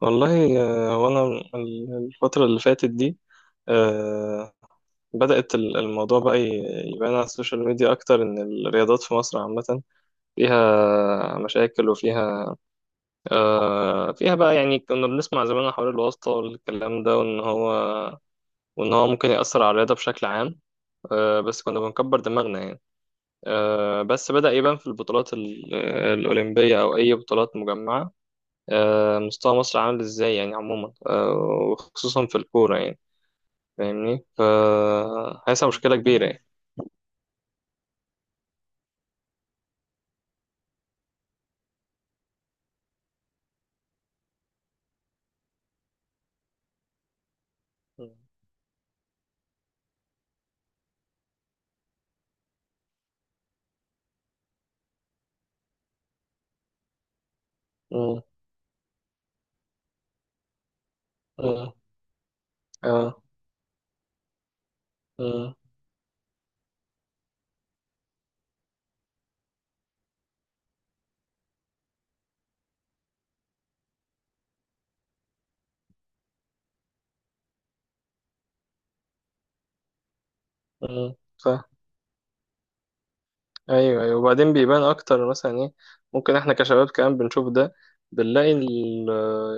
والله، وانا الفترة اللي فاتت دي، آه، بدأت الموضوع بقى يبان على السوشيال ميديا أكتر إن الرياضات في مصر عامة فيها مشاكل وفيها، فيها بقى يعني كنا بنسمع زمان عن حوار الواسطة والكلام ده وإن هو ممكن يأثر على الرياضة بشكل عام. بس كنا بنكبر دماغنا يعني. بس بدأ يبان في البطولات الأولمبية أو أي بطولات مجمعة. مستوى مصر عامل إزاي يعني عموما، وخصوصا في الكورة يعني، فاهمني؟ فهيحصل مشكلة كبيرة يعني. مم. مم. مم. اه. مم. مم. ف ايوه، ايوه، وبعدين بيبان اكتر مثلا ايه ممكن احنا كشباب كمان بنشوف ده. بنلاقي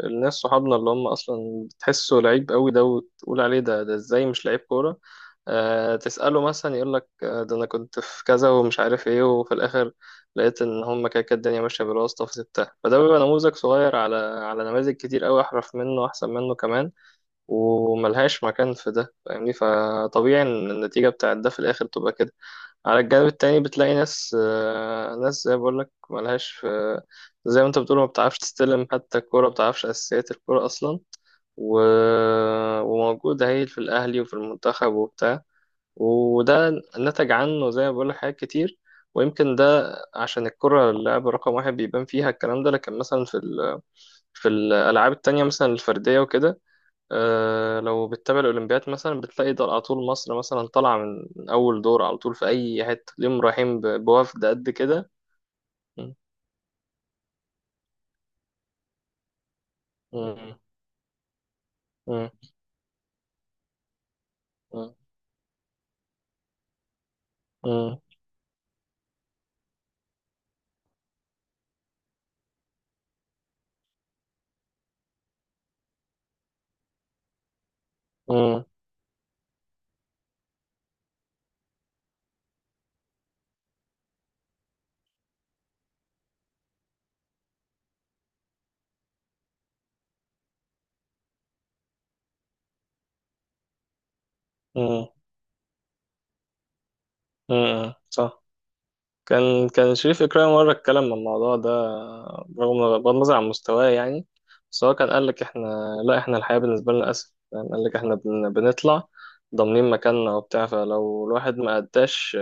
الناس صحابنا اللي هم اصلا بتحسه لعيب قوي ده، وتقول عليه ده ازاي مش لعيب كوره. آه، تساله مثلا يقول لك آه ده انا كنت في كذا ومش عارف ايه، وفي الاخر لقيت ان هم كده كده الدنيا ماشيه بالواسطه فسبتها، فده بيبقى نموذج صغير على نماذج كتير قوي احرف منه احسن منه كمان، وملهاش مكان في ده، فاهمني؟ فطبيعي ان النتيجة بتاعت ده في الآخر تبقى كده. على الجانب التاني بتلاقي ناس، ناس زي ما بقولك ملهاش في، زي ما انت بتقول ما بتعرفش تستلم حتى الكورة، ما بتعرفش أساسيات الكورة أصلا، و... وموجودة هي في الأهلي وفي المنتخب وبتاع، وده نتج عنه زي ما بقولك حاجات كتير. ويمكن ده عشان الكرة اللعبة رقم واحد بيبان فيها الكلام ده، لكن مثلا في ال... في الألعاب التانية مثلا الفردية وكده، لو بتتابع الأولمبياد مثلا بتلاقي ده على طول مصر مثلا طالعة من أول دور على طول في أي حتة، اليوم رايحين بوفد قد كده. م- م- م- م- م- م- م- صح. كان شريف إكرامي مرة اتكلم عن الموضوع ده، رغم بغض النظر عن مستواه يعني، بس هو كان قال لك إحنا، لا إحنا الحياة بالنسبة لنا أسهل يعني. قال لك إحنا بنطلع ضامنين مكاننا وبتاع، فلو الواحد ما أداش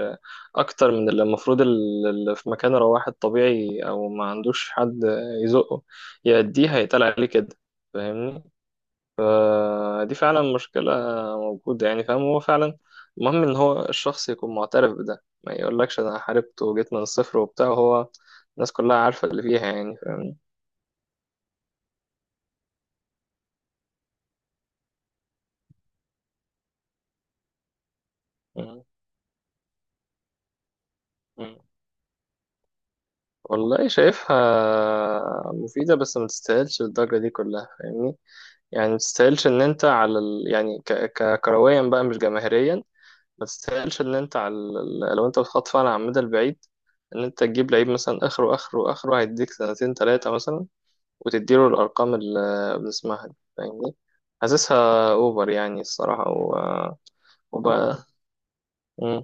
أكتر من اللي المفروض، اللي في مكانه لو واحد طبيعي أو ما عندوش حد يزقه يأديه، هيتقال عليه كده، فاهمني؟ فدي فعلا مشكلة موجودة يعني، فاهم؟ هو فعلا المهم إن هو الشخص يكون معترف بده، ما يقولكش أنا حاربت وجيت من الصفر وبتاع. هو الناس كلها عارفة اللي فيها يعني، فاهم؟ مم. مم. والله شايفها مفيدة، بس ما تستاهلش الضجة دي كلها، فاهمني؟ يعني ما تستاهلش إن أنت على ال... يعني كرويا بقى مش جماهيريا، ما تستاهلش إن أنت على ال... لو أنت بتخطف على المدى البعيد إن أنت تجيب لعيب مثلا آخره آخره آخره هيديك سنتين تلاتة مثلا، وتديله الأرقام اللي بنسمعها دي، فاهمني؟ حاسسها أوفر يعني الصراحة و... وبقى. مم.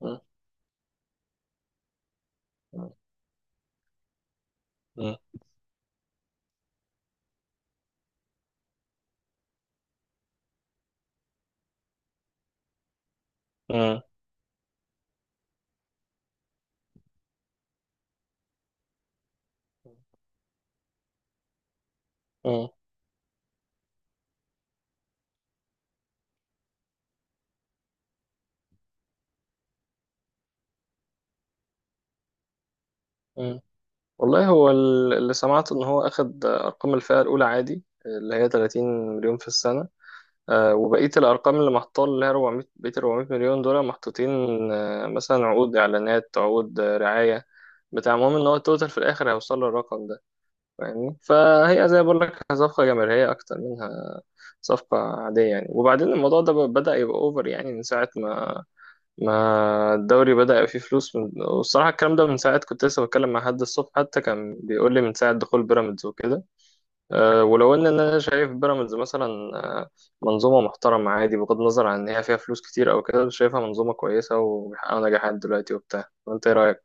مم. مم. مم. مم. مم. والله هو اللي سمعته إن هو أخد أرقام الفئة الأولى عادي، اللي هي 30 مليون في السنة، وبقية الأرقام اللي محطوطة اللي هي 400، بقية 400 مليون دول محطوطين مثلا عقود إعلانات، عقود رعاية بتاع المهم إن هو التوتال في الآخر هيوصل للرقم ده، فاهمني؟ فهي زي ما بقول لك صفقة جماهيرية أكتر منها صفقة عادية يعني. وبعدين الموضوع ده بدأ يبقى اوفر يعني من ساعة ما الدوري بدأ يبقى فيه فلوس من... والصراحة الكلام ده من ساعة كنت لسه بتكلم مع حد الصبح حتى، كان بيقول لي من ساعة دخول بيراميدز وكده. أه، ولو ان انا شايف بيراميدز مثلا، آه، منظومة محترمة عادي، بغض النظر عن ان هي فيها فلوس كتير او كده، شايفها منظومة كويسة وبيحققوا نجاحات دلوقتي وبتاع. وانت ايه رأيك؟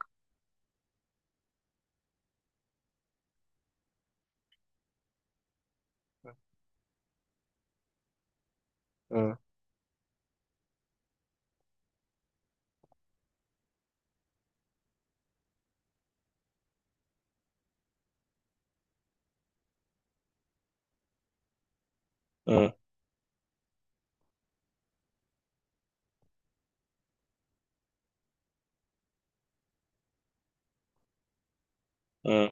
مم. مم. مم.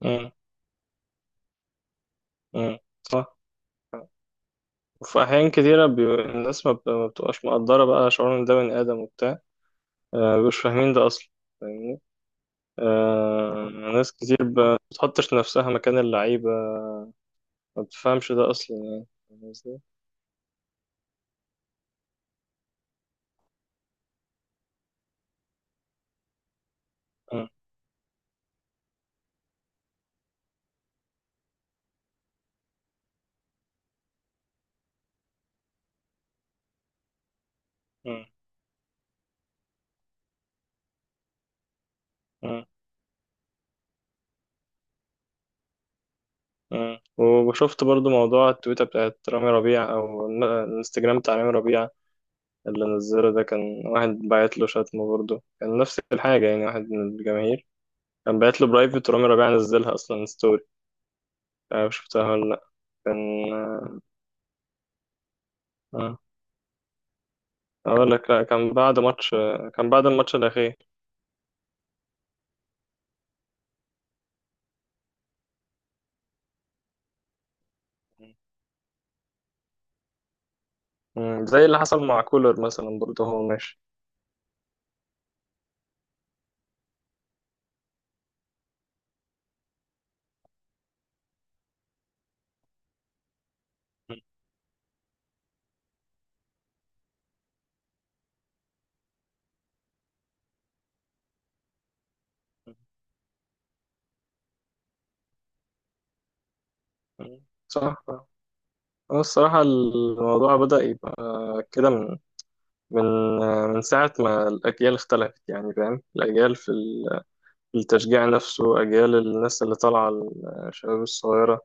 مم. مم. صح. وفي أحيان كتيرة بي... الناس ما بتبقاش مقدرة بقى شعور إن ده بني آدم وبتاع، مش فاهمين ده أصلا، فاهمني؟ آه، ناس كتير ما بتحطش نفسها مكان اللعيبة، ما بتفهمش ده أصلا يعني، فاهم قصدي؟ مم. مم. مم. مم. وشفت برضو موضوع التويتة بتاعت رامي ربيع، أو الانستجرام بتاع رامي ربيع اللي نزله ده. كان واحد باعت له شتمه، برضو كان نفس الحاجة يعني، واحد من الجماهير كان باعت له برايفت ورامي ربيع نزلها أصلا ستوري. أنا شفتها ولا لأ؟ كان، آه. أقول لك، لأ كان بعد ماتش، كان بعد الماتش الأخير. مم. زي اللي حصل مع كولر مثلا برضه هو ماشي. مم. مم. صح. هو الصراحة الموضوع بدأ يبقى كده من من ساعة ما الأجيال اختلفت يعني، فاهم؟ الأجيال في ال... في التشجيع نفسه، أجيال الناس اللي طالعة، الشباب الصغيرة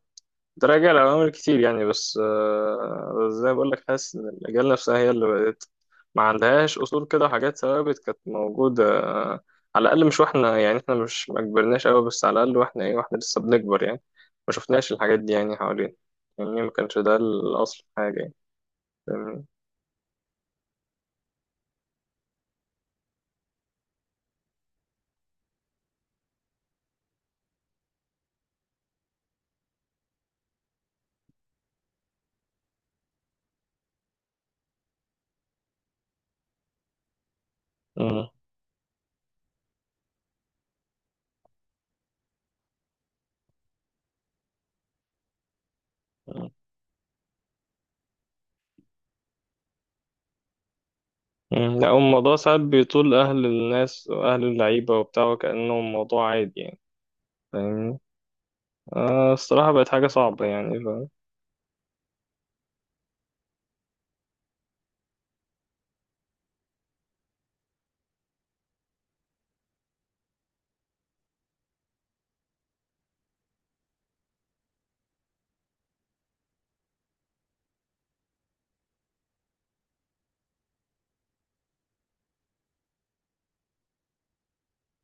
تراجع لعوامل كتير يعني، بس بس زي ما بقول لك حاسس ان الاجيال نفسها هي اللي بقت ما عندهاش اصول كده، وحاجات ثوابت كانت موجوده، على الاقل مش واحنا يعني، احنا مش ما كبرناش قوي، بس على الاقل واحنا ايه، واحنا لسه بنكبر يعني، ما شفناش الحاجات دي يعني حوالينا، يعني ما كانش ده الاصل في حاجه يعني، فاهمني؟ مم. مم. مم. لا هو الموضوع ساعات بيطول اهل الناس واهل اللعيبه وبتاع، وكانه الموضوع عادي يعني، فاهمني؟ آه الصراحه بقت حاجه صعبه يعني،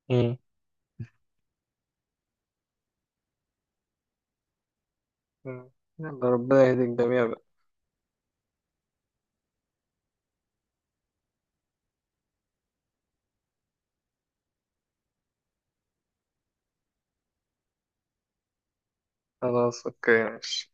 فاهم؟ مم. يلا ربنا يهدي الجميع بقى. خلاص اوكي ماشي.